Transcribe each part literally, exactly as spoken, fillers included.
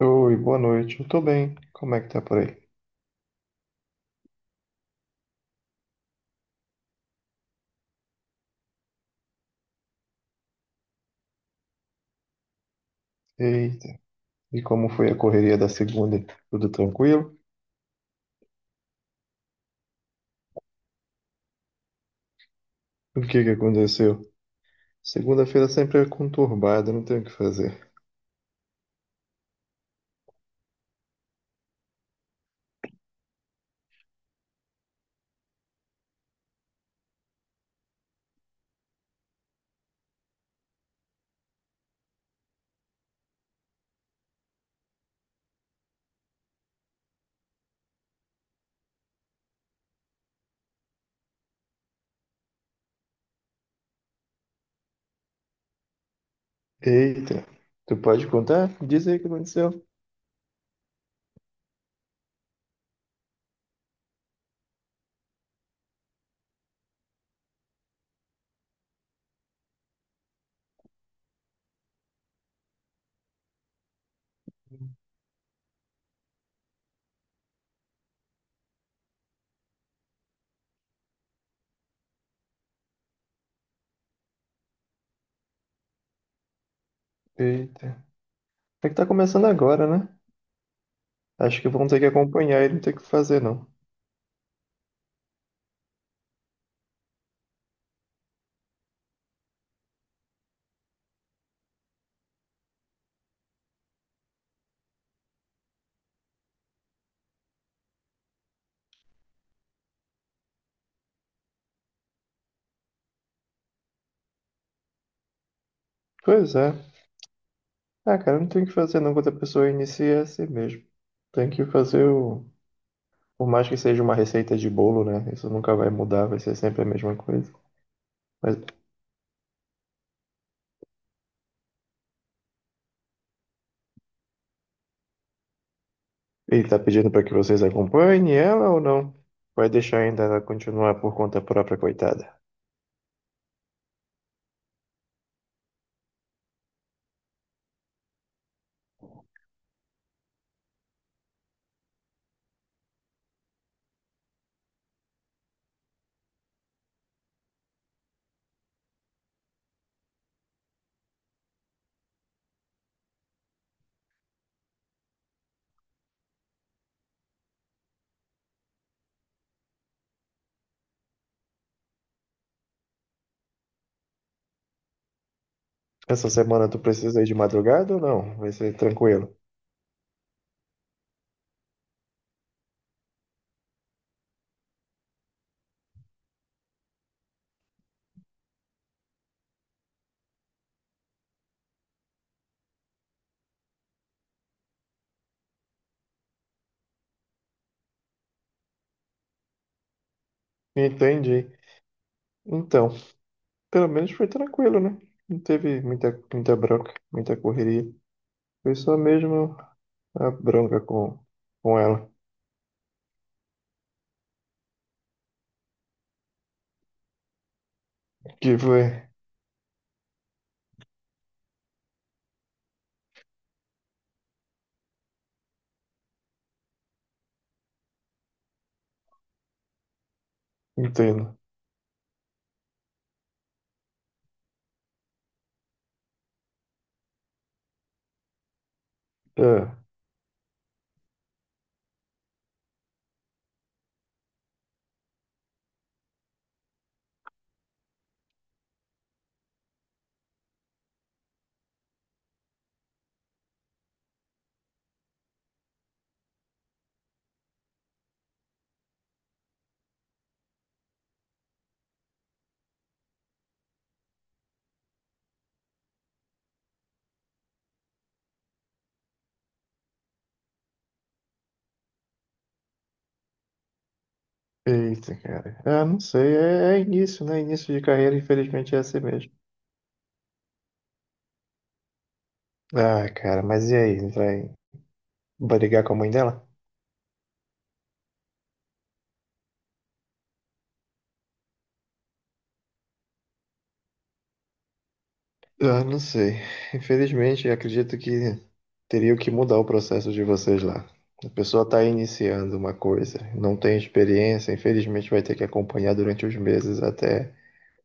Oi, boa noite. Eu tô bem. Como é que tá por aí? Eita, e como foi a correria da segunda? Tudo tranquilo? O que que aconteceu? Segunda-feira sempre é conturbada, não tem o que fazer. Eita, tu pode contar? Diz aí o que aconteceu. Eita, é que tá começando agora, né? Acho que vão ter que acompanhar e não tem o que fazer, não. Pois é. Ah, cara, não tem o que fazer, não. Quando a pessoa inicia, é assim mesmo. Tem que fazer o... Por mais que seja uma receita de bolo, né? Isso nunca vai mudar, vai ser sempre a mesma coisa. Mas ele tá pedindo para que vocês acompanhem ela ou não? Vai deixar ainda ela continuar por conta própria, coitada. Essa semana tu precisa ir de madrugada ou não? Vai ser tranquilo. Entendi. Então, pelo menos foi tranquilo, né? Não teve muita, muita bronca, muita correria. Foi só mesmo a bronca com, com ela. Que foi. Entendo. Ah, eita, cara. Ah, não sei. É, é início, né? Início de carreira, infelizmente é assim mesmo. Ah, cara, mas e aí? Vai brigar com a mãe dela? Ah, não sei. Infelizmente, acredito que teria que mudar o processo de vocês lá. A pessoa está iniciando uma coisa, não tem experiência, infelizmente vai ter que acompanhar durante os meses até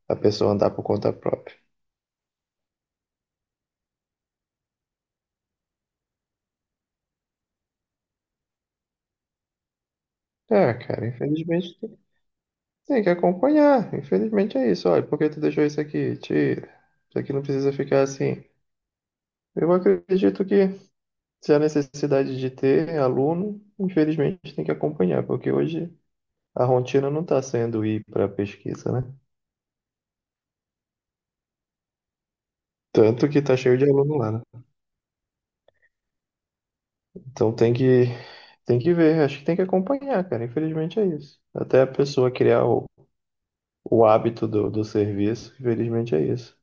a pessoa andar por conta própria. Ah, cara, infelizmente tem tem que acompanhar. Infelizmente é isso. Olha, por que tu deixou isso aqui? Tira. Isso aqui não precisa ficar assim. Eu acredito que se há necessidade de ter aluno, infelizmente tem que acompanhar, porque hoje. A rotina não está sendo ir para pesquisa, né? Tanto que tá cheio de aluno lá, né? Então tem que tem que ver, acho que tem que acompanhar, cara. Infelizmente é isso. Até a pessoa criar o, o hábito do, do serviço, infelizmente é isso.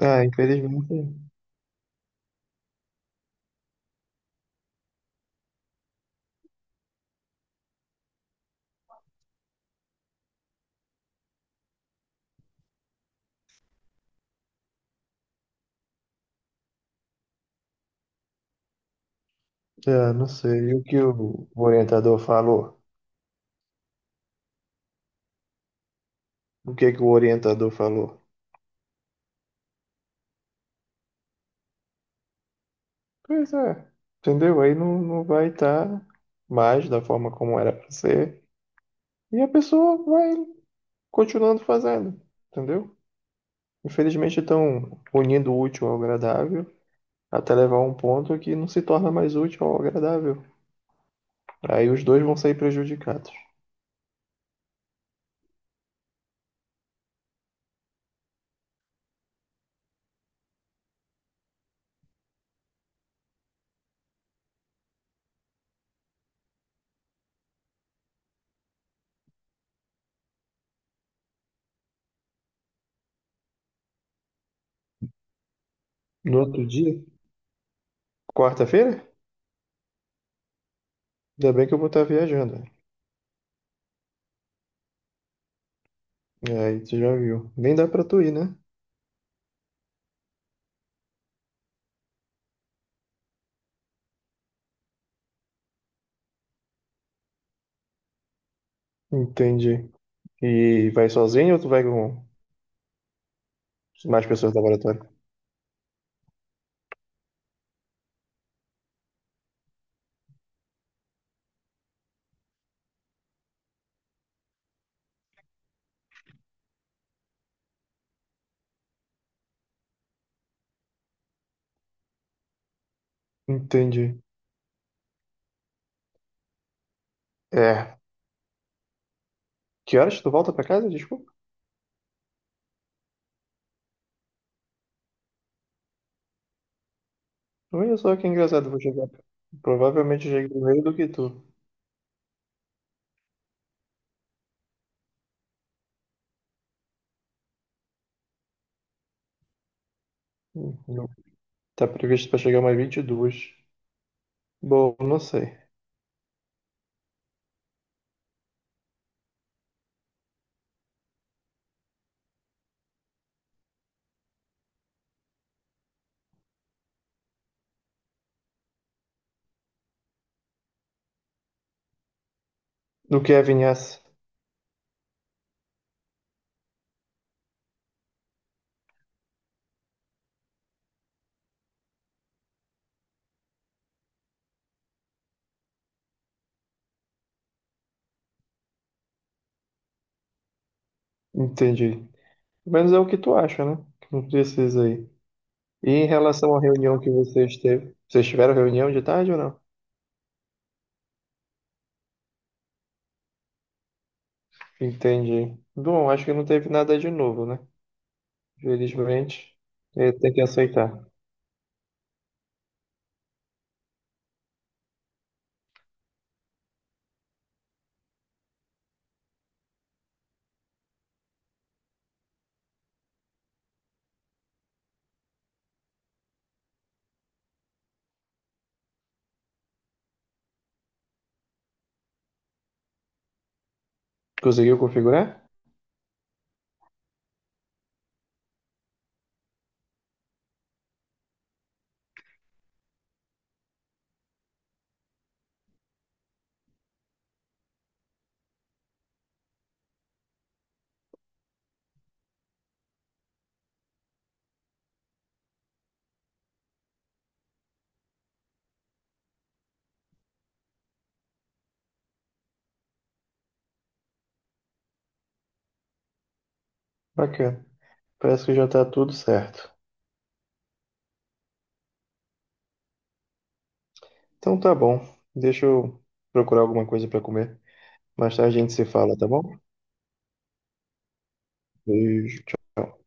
Ah, infelizmente. É, não sei. E o que o orientador falou? O que que o orientador falou? Pois é, entendeu? Aí não, não vai estar mais da forma como era para ser. E a pessoa vai continuando fazendo, entendeu? Infelizmente estão unindo o útil ao agradável, até levar a um ponto que não se torna mais útil ao agradável. Aí os dois vão sair prejudicados. No outro dia, quarta-feira? Ainda bem que eu vou estar viajando. É, aí tu já viu. Nem dá pra tu ir, né? Entendi. E vai sozinho ou tu vai com mais pessoas do laboratório? Entendi. É. Que horas tu volta pra casa? Desculpa. Olha só que engraçado, eu vou chegar. Provavelmente eu cheguei primeiro do que tu. Não. Tá previsto pra chegar mais vinte e duas. Bom, não sei. Do que é vinhaça. Entendi. Pelo menos é o que tu acha, né? Que não precisa aí. E em relação à reunião que vocês teve, vocês tiveram reunião de tarde ou não? Entendi. Bom, acho que não teve nada de novo, né? Felizmente, eh, tem que aceitar. Conseguiu configurar? Bacana. Parece que já tá tudo certo. Então tá bom. Deixa eu procurar alguma coisa para comer. Mais tarde a gente se fala, tá bom? Beijo. Tchau.